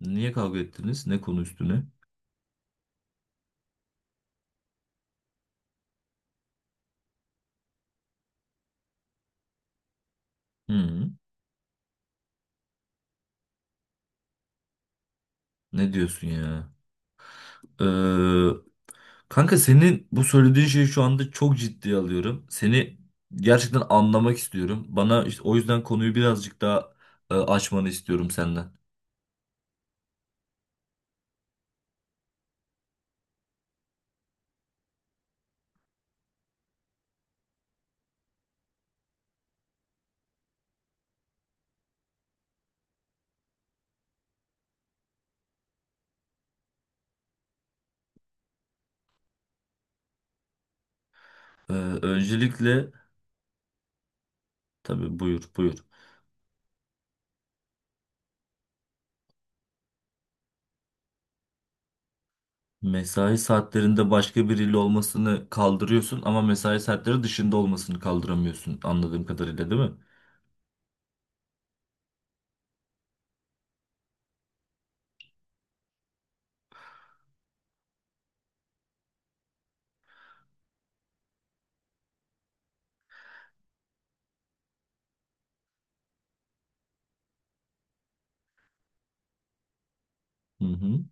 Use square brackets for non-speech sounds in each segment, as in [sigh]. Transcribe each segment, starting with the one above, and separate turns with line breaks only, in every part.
Niye kavga ettiniz? Ne konu üstüne? Hı, ne diyorsun ya? Ee, Kanka, senin bu söylediğin şeyi şu anda çok ciddiye alıyorum. Seni gerçekten anlamak istiyorum. Bana işte o yüzden konuyu birazcık daha açmanı istiyorum senden. Ee, Öncelikle tabii, buyur buyur. Mesai saatlerinde başka biriyle olmasını kaldırıyorsun ama mesai saatleri dışında olmasını kaldıramıyorsun, anladığım kadarıyla, değil mi? Hı hı.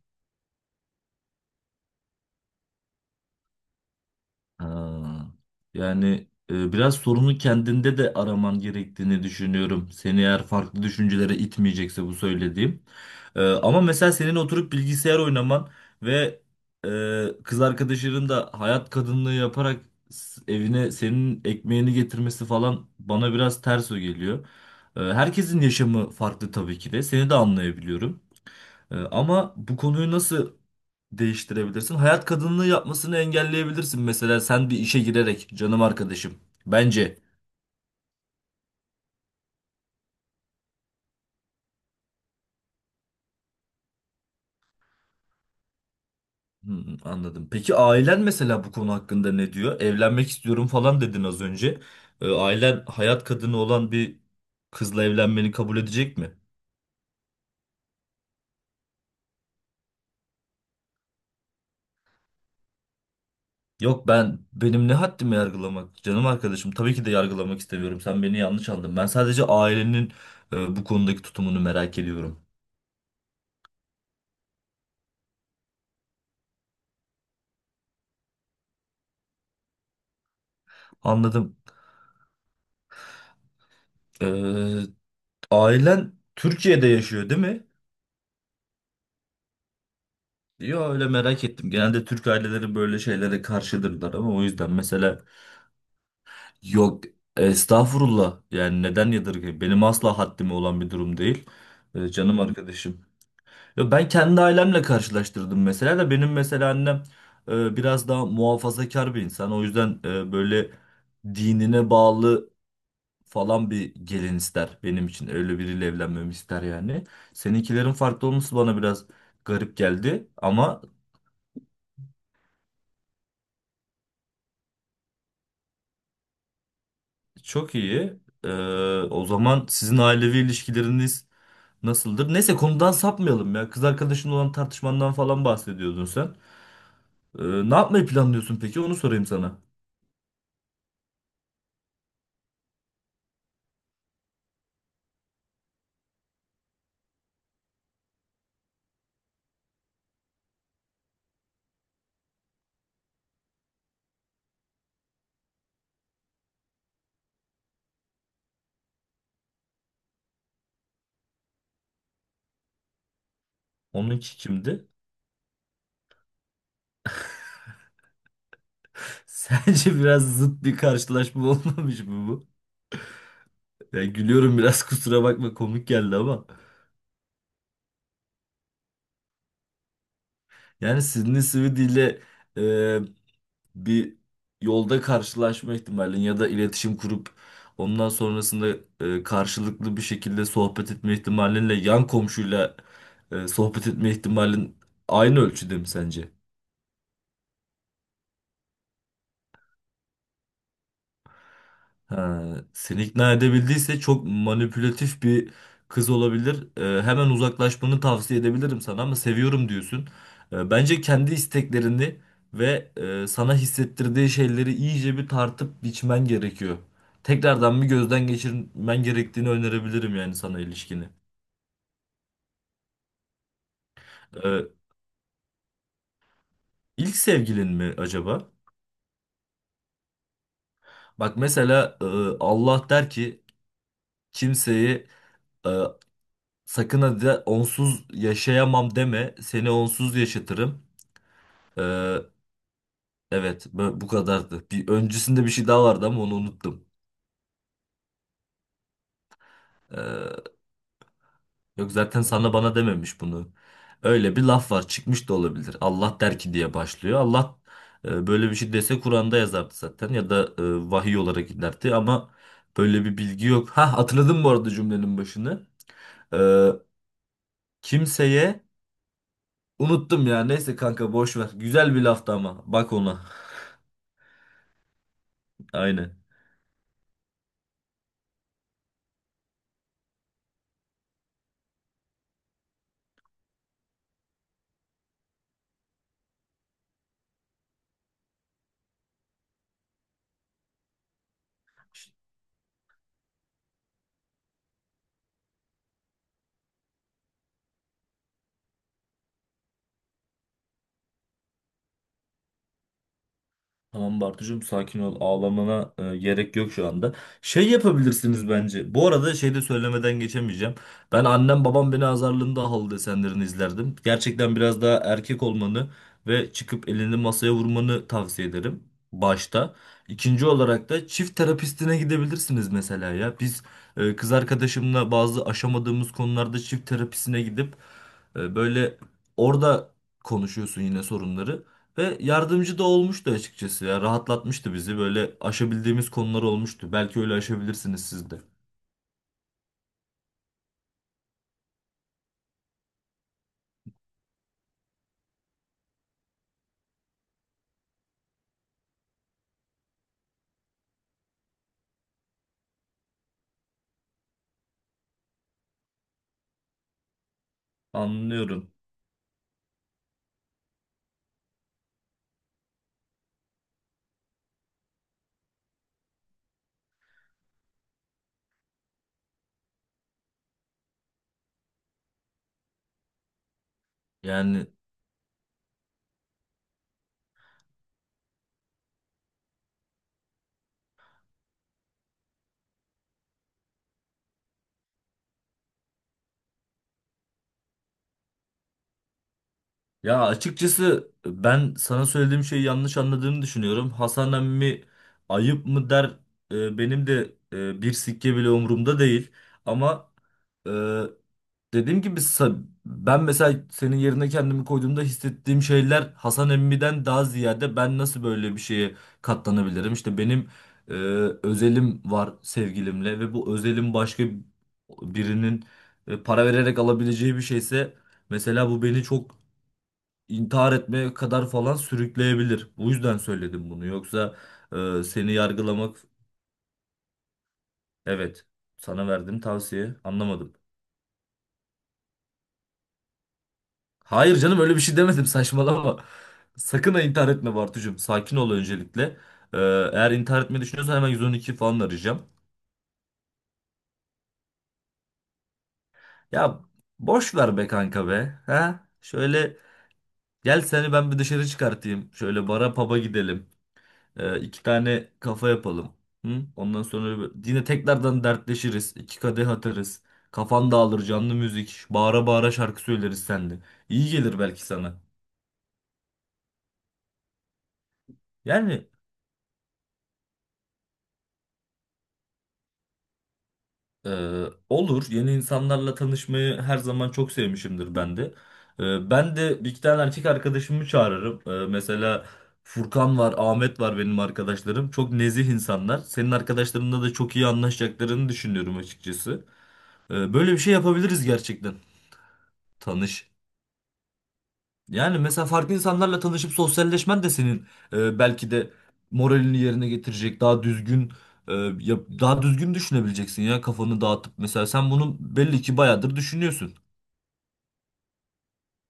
Ha, yani biraz sorunu kendinde de araman gerektiğini düşünüyorum. Seni eğer farklı düşüncelere itmeyecekse bu söylediğim. Ama mesela senin oturup bilgisayar oynaman ve kız arkadaşının da hayat kadınlığı yaparak evine senin ekmeğini getirmesi falan bana biraz ters o geliyor. Herkesin yaşamı farklı tabii ki de. Seni de anlayabiliyorum. Ama bu konuyu nasıl değiştirebilirsin? Hayat kadınlığı yapmasını engelleyebilirsin. Mesela sen bir işe girerek, canım arkadaşım. Bence. Hmm, anladım. Peki ailen mesela bu konu hakkında ne diyor? Evlenmek istiyorum falan dedin az önce. Ailen hayat kadını olan bir kızla evlenmeni kabul edecek mi? Yok, ben, benim ne haddime yargılamak, canım arkadaşım. Tabii ki de yargılamak istemiyorum, sen beni yanlış anladın. Ben sadece ailenin bu konudaki tutumunu merak ediyorum. Anladım. Ee, Ailen Türkiye'de yaşıyor, değil mi? Yo, öyle merak ettim. Genelde Türk aileleri böyle şeylere karşıdırlar ama, o yüzden mesela. Yok, estağfurullah, yani neden yadırgayım? Benim asla haddime olan bir durum değil. Canım arkadaşım. Ya ben kendi ailemle karşılaştırdım mesela da, benim mesela annem biraz daha muhafazakar bir insan. O yüzden böyle dinine bağlı falan bir gelin ister benim için. Öyle biriyle evlenmemi ister yani. Seninkilerin farklı olması bana biraz garip geldi ama. Çok iyi. Ee, O zaman sizin ailevi ilişkileriniz nasıldır? Neyse, konudan sapmayalım ya. Kız arkadaşın olan tartışmandan falan bahsediyordun sen. Ee, Ne yapmayı planlıyorsun peki? Onu sorayım sana. Onunki kimdi? [laughs] Sence biraz zıt bir karşılaşma [laughs] olmamış mı bu? Ya gülüyorum biraz, [laughs] kusura bakma, komik geldi ama. Yani Sydney Sweeney ile e, bir yolda karşılaşma ihtimalin ya da iletişim kurup ondan sonrasında karşılıklı bir şekilde sohbet etme ihtimalinle yan komşuyla sohbet etme ihtimalin aynı ölçüde mi sence? Ha, seni ikna edebildiyse çok manipülatif bir kız olabilir. Hemen uzaklaşmanı tavsiye edebilirim sana ama seviyorum diyorsun. Bence kendi isteklerini ve sana hissettirdiği şeyleri iyice bir tartıp biçmen gerekiyor. Tekrardan bir gözden geçirmen gerektiğini önerebilirim yani sana, ilişkini. Ee, ilk sevgilin mi acaba? Bak mesela, Allah der ki, kimseyi, e, sakın hadi onsuz yaşayamam deme, seni onsuz yaşatırım. Ee, evet, bu kadardı. Bir öncesinde bir şey daha vardı ama onu unuttum. Ee, Yok, zaten sana bana dememiş bunu. Öyle bir laf var, çıkmış da olabilir. Allah der ki diye başlıyor. Allah böyle bir şey dese Kur'an'da yazardı zaten, ya da vahiy olarak giderdi ama böyle bir bilgi yok. Ha, hatırladım bu arada cümlenin başını. Ee, Kimseye, unuttum ya, neyse kanka, boş ver. Güzel bir laftı ama, bak ona. [laughs] Aynen. Tamam Bartucuğum, sakin ol. Ağlamana gerek yok şu anda. Şey yapabilirsiniz bence. Bu arada şey de söylemeden geçemeyeceğim. Ben, annem babam beni azarlığında halı desenlerini izlerdim. Gerçekten biraz daha erkek olmanı ve çıkıp elini masaya vurmanı tavsiye ederim. Başta. İkinci olarak da çift terapistine gidebilirsiniz mesela ya. Biz kız arkadaşımla bazı aşamadığımız konularda çift terapisine gidip böyle orada konuşuyorsun yine sorunları. Ve yardımcı da olmuştu açıkçası ya. Rahatlatmıştı bizi. Böyle aşabildiğimiz konular olmuştu. Belki öyle aşabilirsiniz siz de. Anlıyorum. Yani ya, açıkçası ben sana söylediğim şeyi yanlış anladığını düşünüyorum. Hasan emmi ayıp mı der, benim de bir sikke bile umurumda değil. Ama e, dediğim gibi, ben mesela senin yerine kendimi koyduğumda hissettiğim şeyler Hasan Emmi'den daha ziyade ben nasıl böyle bir şeye katlanabilirim? İşte benim e, özelim var sevgilimle ve bu özelim başka birinin para vererek alabileceği bir şeyse, mesela bu beni çok, intihar etmeye kadar falan sürükleyebilir. Bu yüzden söyledim bunu. Yoksa seni yargılamak, evet, sana verdiğim tavsiye, anlamadım. Hayır canım, öyle bir şey demedim, [laughs] saçmalama. Sakın ha, intihar etme Bartucuğum. Sakin ol öncelikle. Ee, Eğer intihar etmeyi düşünüyorsan hemen 112 falan arayacağım. Ya, boş ver be kanka be. Ha? Şöyle gel, seni ben bir dışarı çıkartayım. Şöyle bara paba gidelim. İki tane kafa yapalım. Hı? Ondan sonra yine tekrardan dertleşiriz. İki kadeh atarız. Kafan dağılır, canlı müzik. Bağıra bağıra şarkı söyleriz seninle. İyi gelir belki sana. Yani. Ee, olur. Yeni insanlarla tanışmayı her zaman çok sevmişimdir ben de. Ben de bir iki tane erkek arkadaşımı çağırırım. Mesela Furkan var, Ahmet var, benim arkadaşlarım. Çok nezih insanlar. Senin arkadaşlarınla da çok iyi anlaşacaklarını düşünüyorum açıkçası. Böyle bir şey yapabiliriz gerçekten. Tanış. Yani mesela farklı insanlarla tanışıp sosyalleşmen de senin belki de moralini yerine getirecek, daha düzgün, e, daha düzgün düşünebileceksin ya, kafanı dağıtıp. Mesela sen bunu belli ki bayağıdır düşünüyorsun.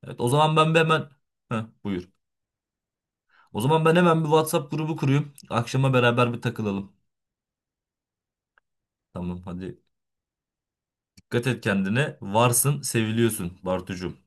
Evet, o zaman ben bir hemen. Heh, buyur. O zaman ben hemen bir WhatsApp grubu kurayım. Akşama beraber bir takılalım. Tamam hadi. Dikkat et kendine. Varsın, seviliyorsun Bartucuğum.